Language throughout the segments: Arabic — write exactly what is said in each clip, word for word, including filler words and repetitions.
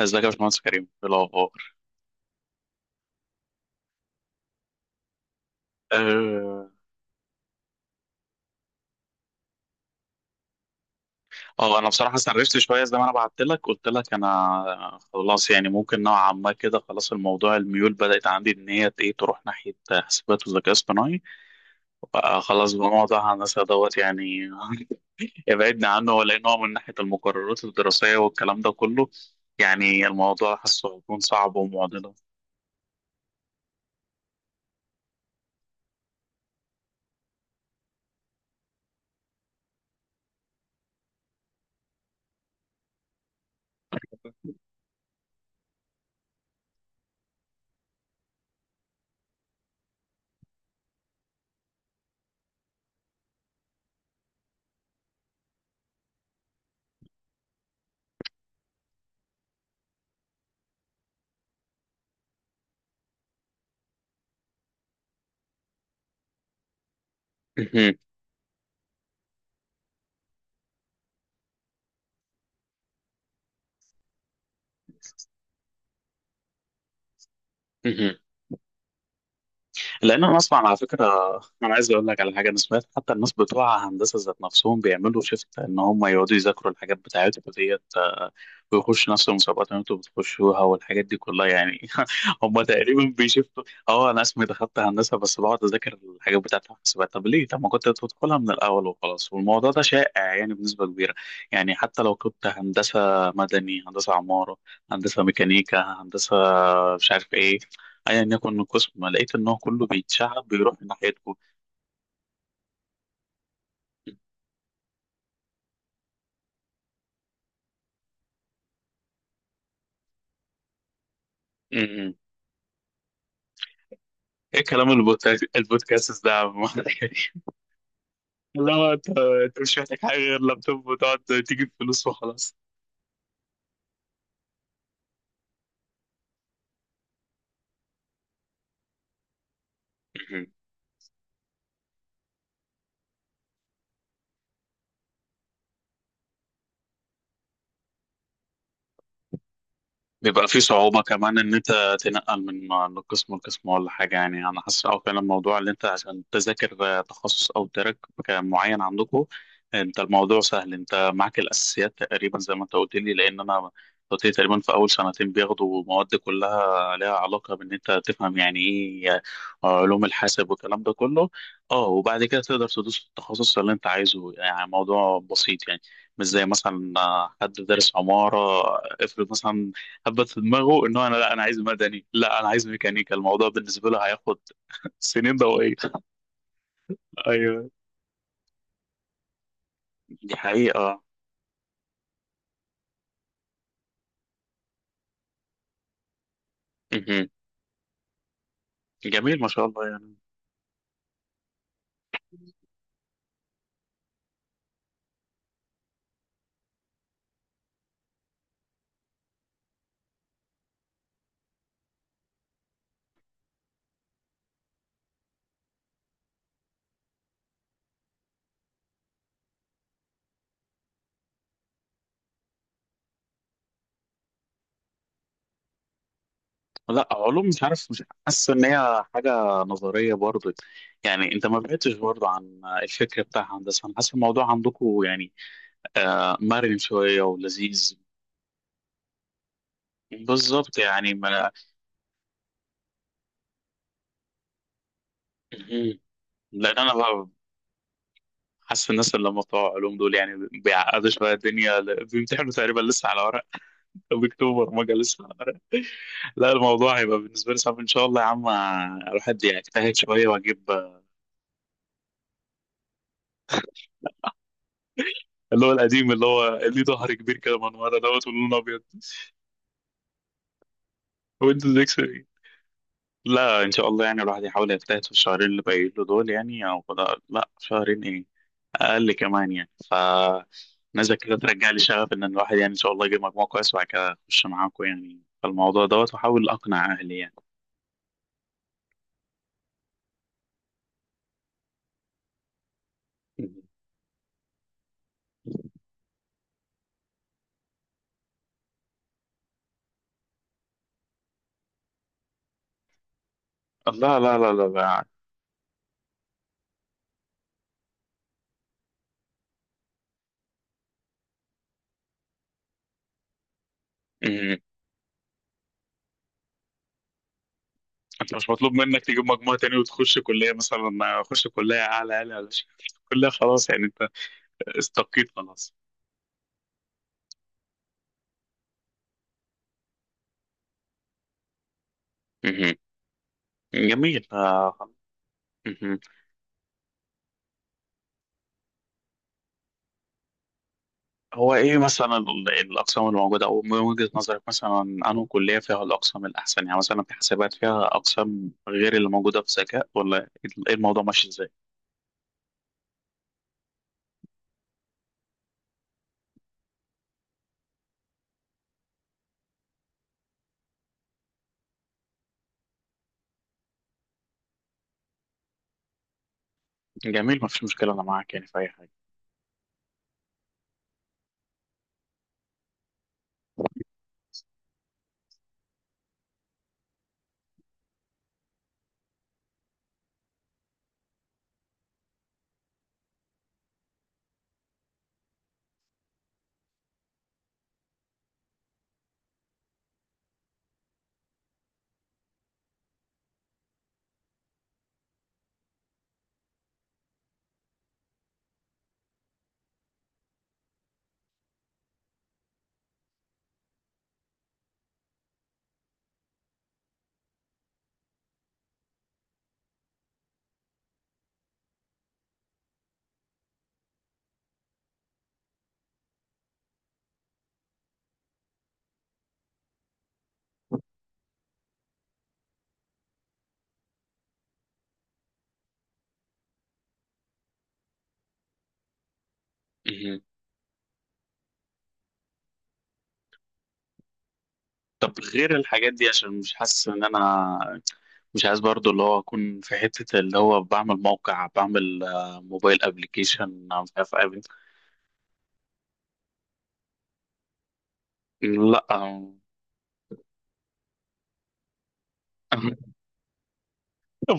ازيك يا باشمهندس كريم، ايه الاخبار؟ اه. آه، انا بصراحه استنرفت شويه، زي ما انا بعت لك قلت لك انا خلاص، يعني ممكن نوعا ما كده خلاص. الموضوع الميول بدات عندي ان هي ايه تروح ناحيه حاسبات وذكاء اصطناعي. آه، خلاص بقى موضوع الناس دوت يعني ابعدنا عنه. ولا هو من ناحيه المقررات الدراسيه والكلام ده كله، يعني الموضوع حاسه هيكون صعب ومعضله. لان انا اسمع على فكره انا عايز اقول لك على حاجه، انا سمعت حتى الناس بتوع هندسه ذات نفسهم بيعملوا شيفت ان هم يقعدوا يذاكروا الحاجات بتاعتهم ديت آه، ويخشوا نفس المسابقات اللي انتوا بتخشوها والحاجات دي كلها يعني. هم تقريبا بيشفتوا. اه انا اسمي دخلت هندسه، بس بقعد اذاكر الحاجات بتاعت الحسابات. طب ليه؟ طب ما كنت تدخلها من الاول وخلاص. والموضوع ده شائع يعني بنسبه كبيره، يعني حتى لو كنت هندسه مدني، هندسه عماره، هندسه ميكانيكا، هندسه مش عارف ايه، ايا يكن القسم لقيت ان هو كله بيتشعب بيروح ناحيتكم. م-م. ايه كلام البودكاست البودكاست ده يا عم؟ لا، انت انت مش محتاج حاجه غير لابتوب، وتقعد تجيب فلوس وخلاص. بيبقى في صعوبة كمان إن أنت تنقل من من قسم لقسم ولا حاجة. يعني أنا حاسس أه فعلا الموضوع اللي أنت عشان تذاكر آه، تخصص أو تراك ك- معين عندكم، أنت الموضوع سهل. أنت معاك الأساسيات تقريبا زي ما أنت قلت لي، لأن أنا قلت لي تقريبا في أول سنتين بياخدوا مواد كلها لها علاقة بإن أنت تفهم يعني إيه آه، علوم الحاسب والكلام ده كله. أه، وبعد كده تقدر تدوس في التخصص اللي أنت عايزه، يعني موضوع بسيط يعني. مش زي مثلا آه، حد دارس عمارة، افرض مثلا حبت في دماغه ان هو انا لا انا عايز مدني، لا انا عايز ميكانيكا، الموضوع بالنسبه له هياخد سنين ضوئيه. ايوه، دي حقيقه. مهم. جميل ما شاء الله يعني. لا، علوم مش عارف، مش حاسس ان هي حاجه نظريه برضه. يعني انت ما بعدتش برضه عن الفكر بتاع هندسه، انا حاسس الموضوع عندكم يعني آه مرن شويه ولذيذ. بالظبط يعني ما. مهم. لان انا بقى حاسس الناس اللي هم بتوع علوم دول يعني بيعقدوا شويه الدنيا، بيمتحنوا تقريبا لسه على ورق. اكتوبر ما جه لسه. لا، الموضوع هيبقى بالنسبه لي صعب ان شاء الله يا عم. الواحد يجتهد شويه واجيب اللي هو القديم، اللي هو ليه ظهر كبير كده من ورا دوت ولونه ابيض. ويندوز اكس بي. لا، ان شاء الله يعني الواحد يحاول يجتهد في الشهرين اللي باقيين له دول يعني، او لا لا، شهرين ايه، اقل كمان يعني. ف نزل كده ترجع لي شغف ان الواحد يعني ان شاء الله يجيب مجموع كويس، وبعد كده اخش معاكم يعني في الموضوع دوت، واحاول اقنع اهلي يعني. لا لا لا لا. لا، انت مش مطلوب منك تجيب مجموع تاني وتخش كلية مثلا، اخش كلية اعلى اعلى اعلى كلية خلاص يعني. انت استقيت خلاص. مهم. جميل آه، مهم. هو ايه مثلا ال- الاقسام اللي موجودة، او من وجهة نظرك مثلا انه كلية فيها الاقسام الاحسن، يعني مثلا في حسابات فيها اقسام غير اللي موجودة في ذكاء؟ ولا ايه الموضوع ماشي ازاي؟ جميل، مفيش مشكلة، انا معاك يعني في اي حاجة. مهم. طب غير الحاجات دي، عشان مش حاسس ان انا مش عايز برضو اللي هو اكون في حتة اللي هو بعمل موقع، بعمل آه، موبايل ابلكيشن، مش عارف أعمل-. لا آه،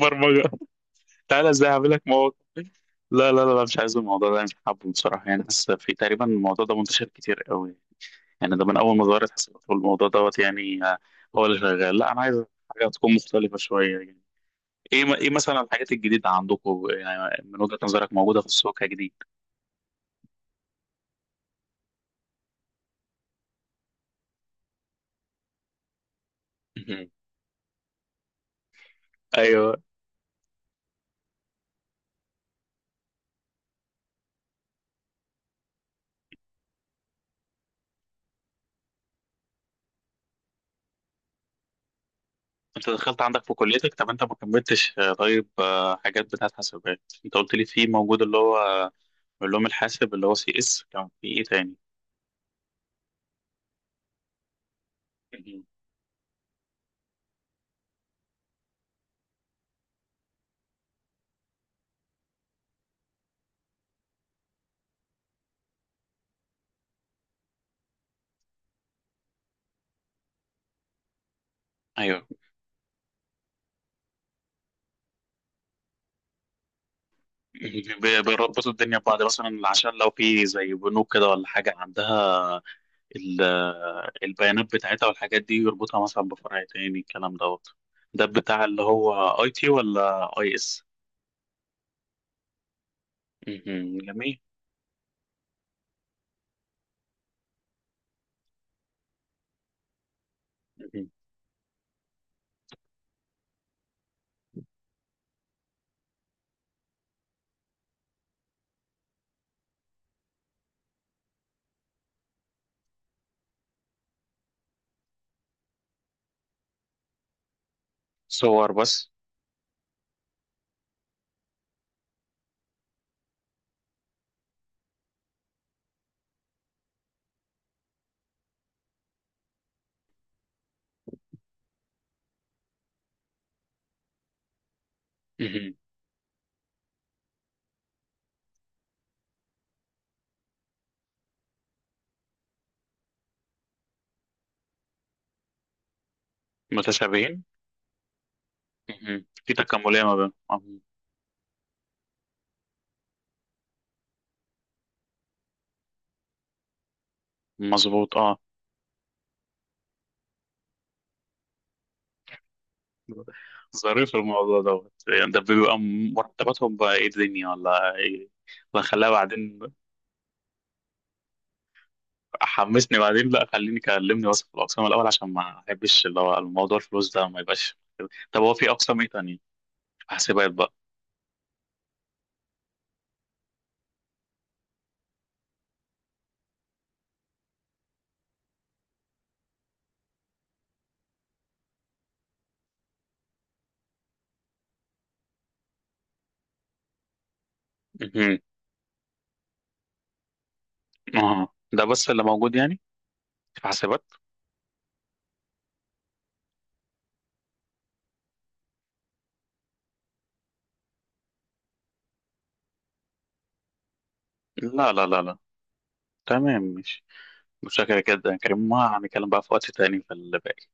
برمجة. تعالى ازاي اعمل لك موقع. لا لا لا، مش عايز الموضوع ده، مش حابه بصراحة يعني. بس في تقريبا الموضوع ده منتشر كتير قوي. يعني ده من اول ما ظهرت حسابات والموضوع دوت يعني آه، هو اللي شغال. لا انا عايز حاجة تكون مختلفة شوية يعني. ايه ايه مثلا الحاجات الجديدة عندكم يعني من وجهة نظرك موجودة في السوق كجديد؟ ايوه. انت دخلت عندك في كليتك، طب انت ما كملتش آه، طيب آه، حاجات بتاعت حاسبات، انت قلت لي في موجود اللي هو علوم الحاسب اللي هو سي اس، كان في ايه تاني؟ مهم. ايوه. بي- بيربطوا الدنيا ببعض مثلا، عشان لو في زي بنوك كده ولا حاجه عندها ال- البيانات بتاعتها والحاجات دي يربطها مثلا بفرع تاني الكلام دوت. ده بتاع اللي هو اي تي ولا اي اس؟ مهم. جميل. مهم. صور بس. مهم. متشابهين. مهم. في تكاملية ما بينهم آه، مظبوط اه. ظريف الموضوع دوت يعني، ده بيبقى مرتباتهم بقى ايه الدنيا ولا ايه؟ ولا خليها بعدين. حمسني بعدين، لا خليني كلمني بس في الأقسام الأول، عشان ما أحبش اللي هو الموضوع الفلوس ده ما يبقاش. طب هو في أقسام ايه تانية؟ في حاسبات بقى. مهم. اه، ده بس اللي موجود يعني في حاسبات؟ لا لا لا لا. تمام ماشي. متشكر جدا يا كريم، ما هنتكلم بقى في وقت تاني في الباقي.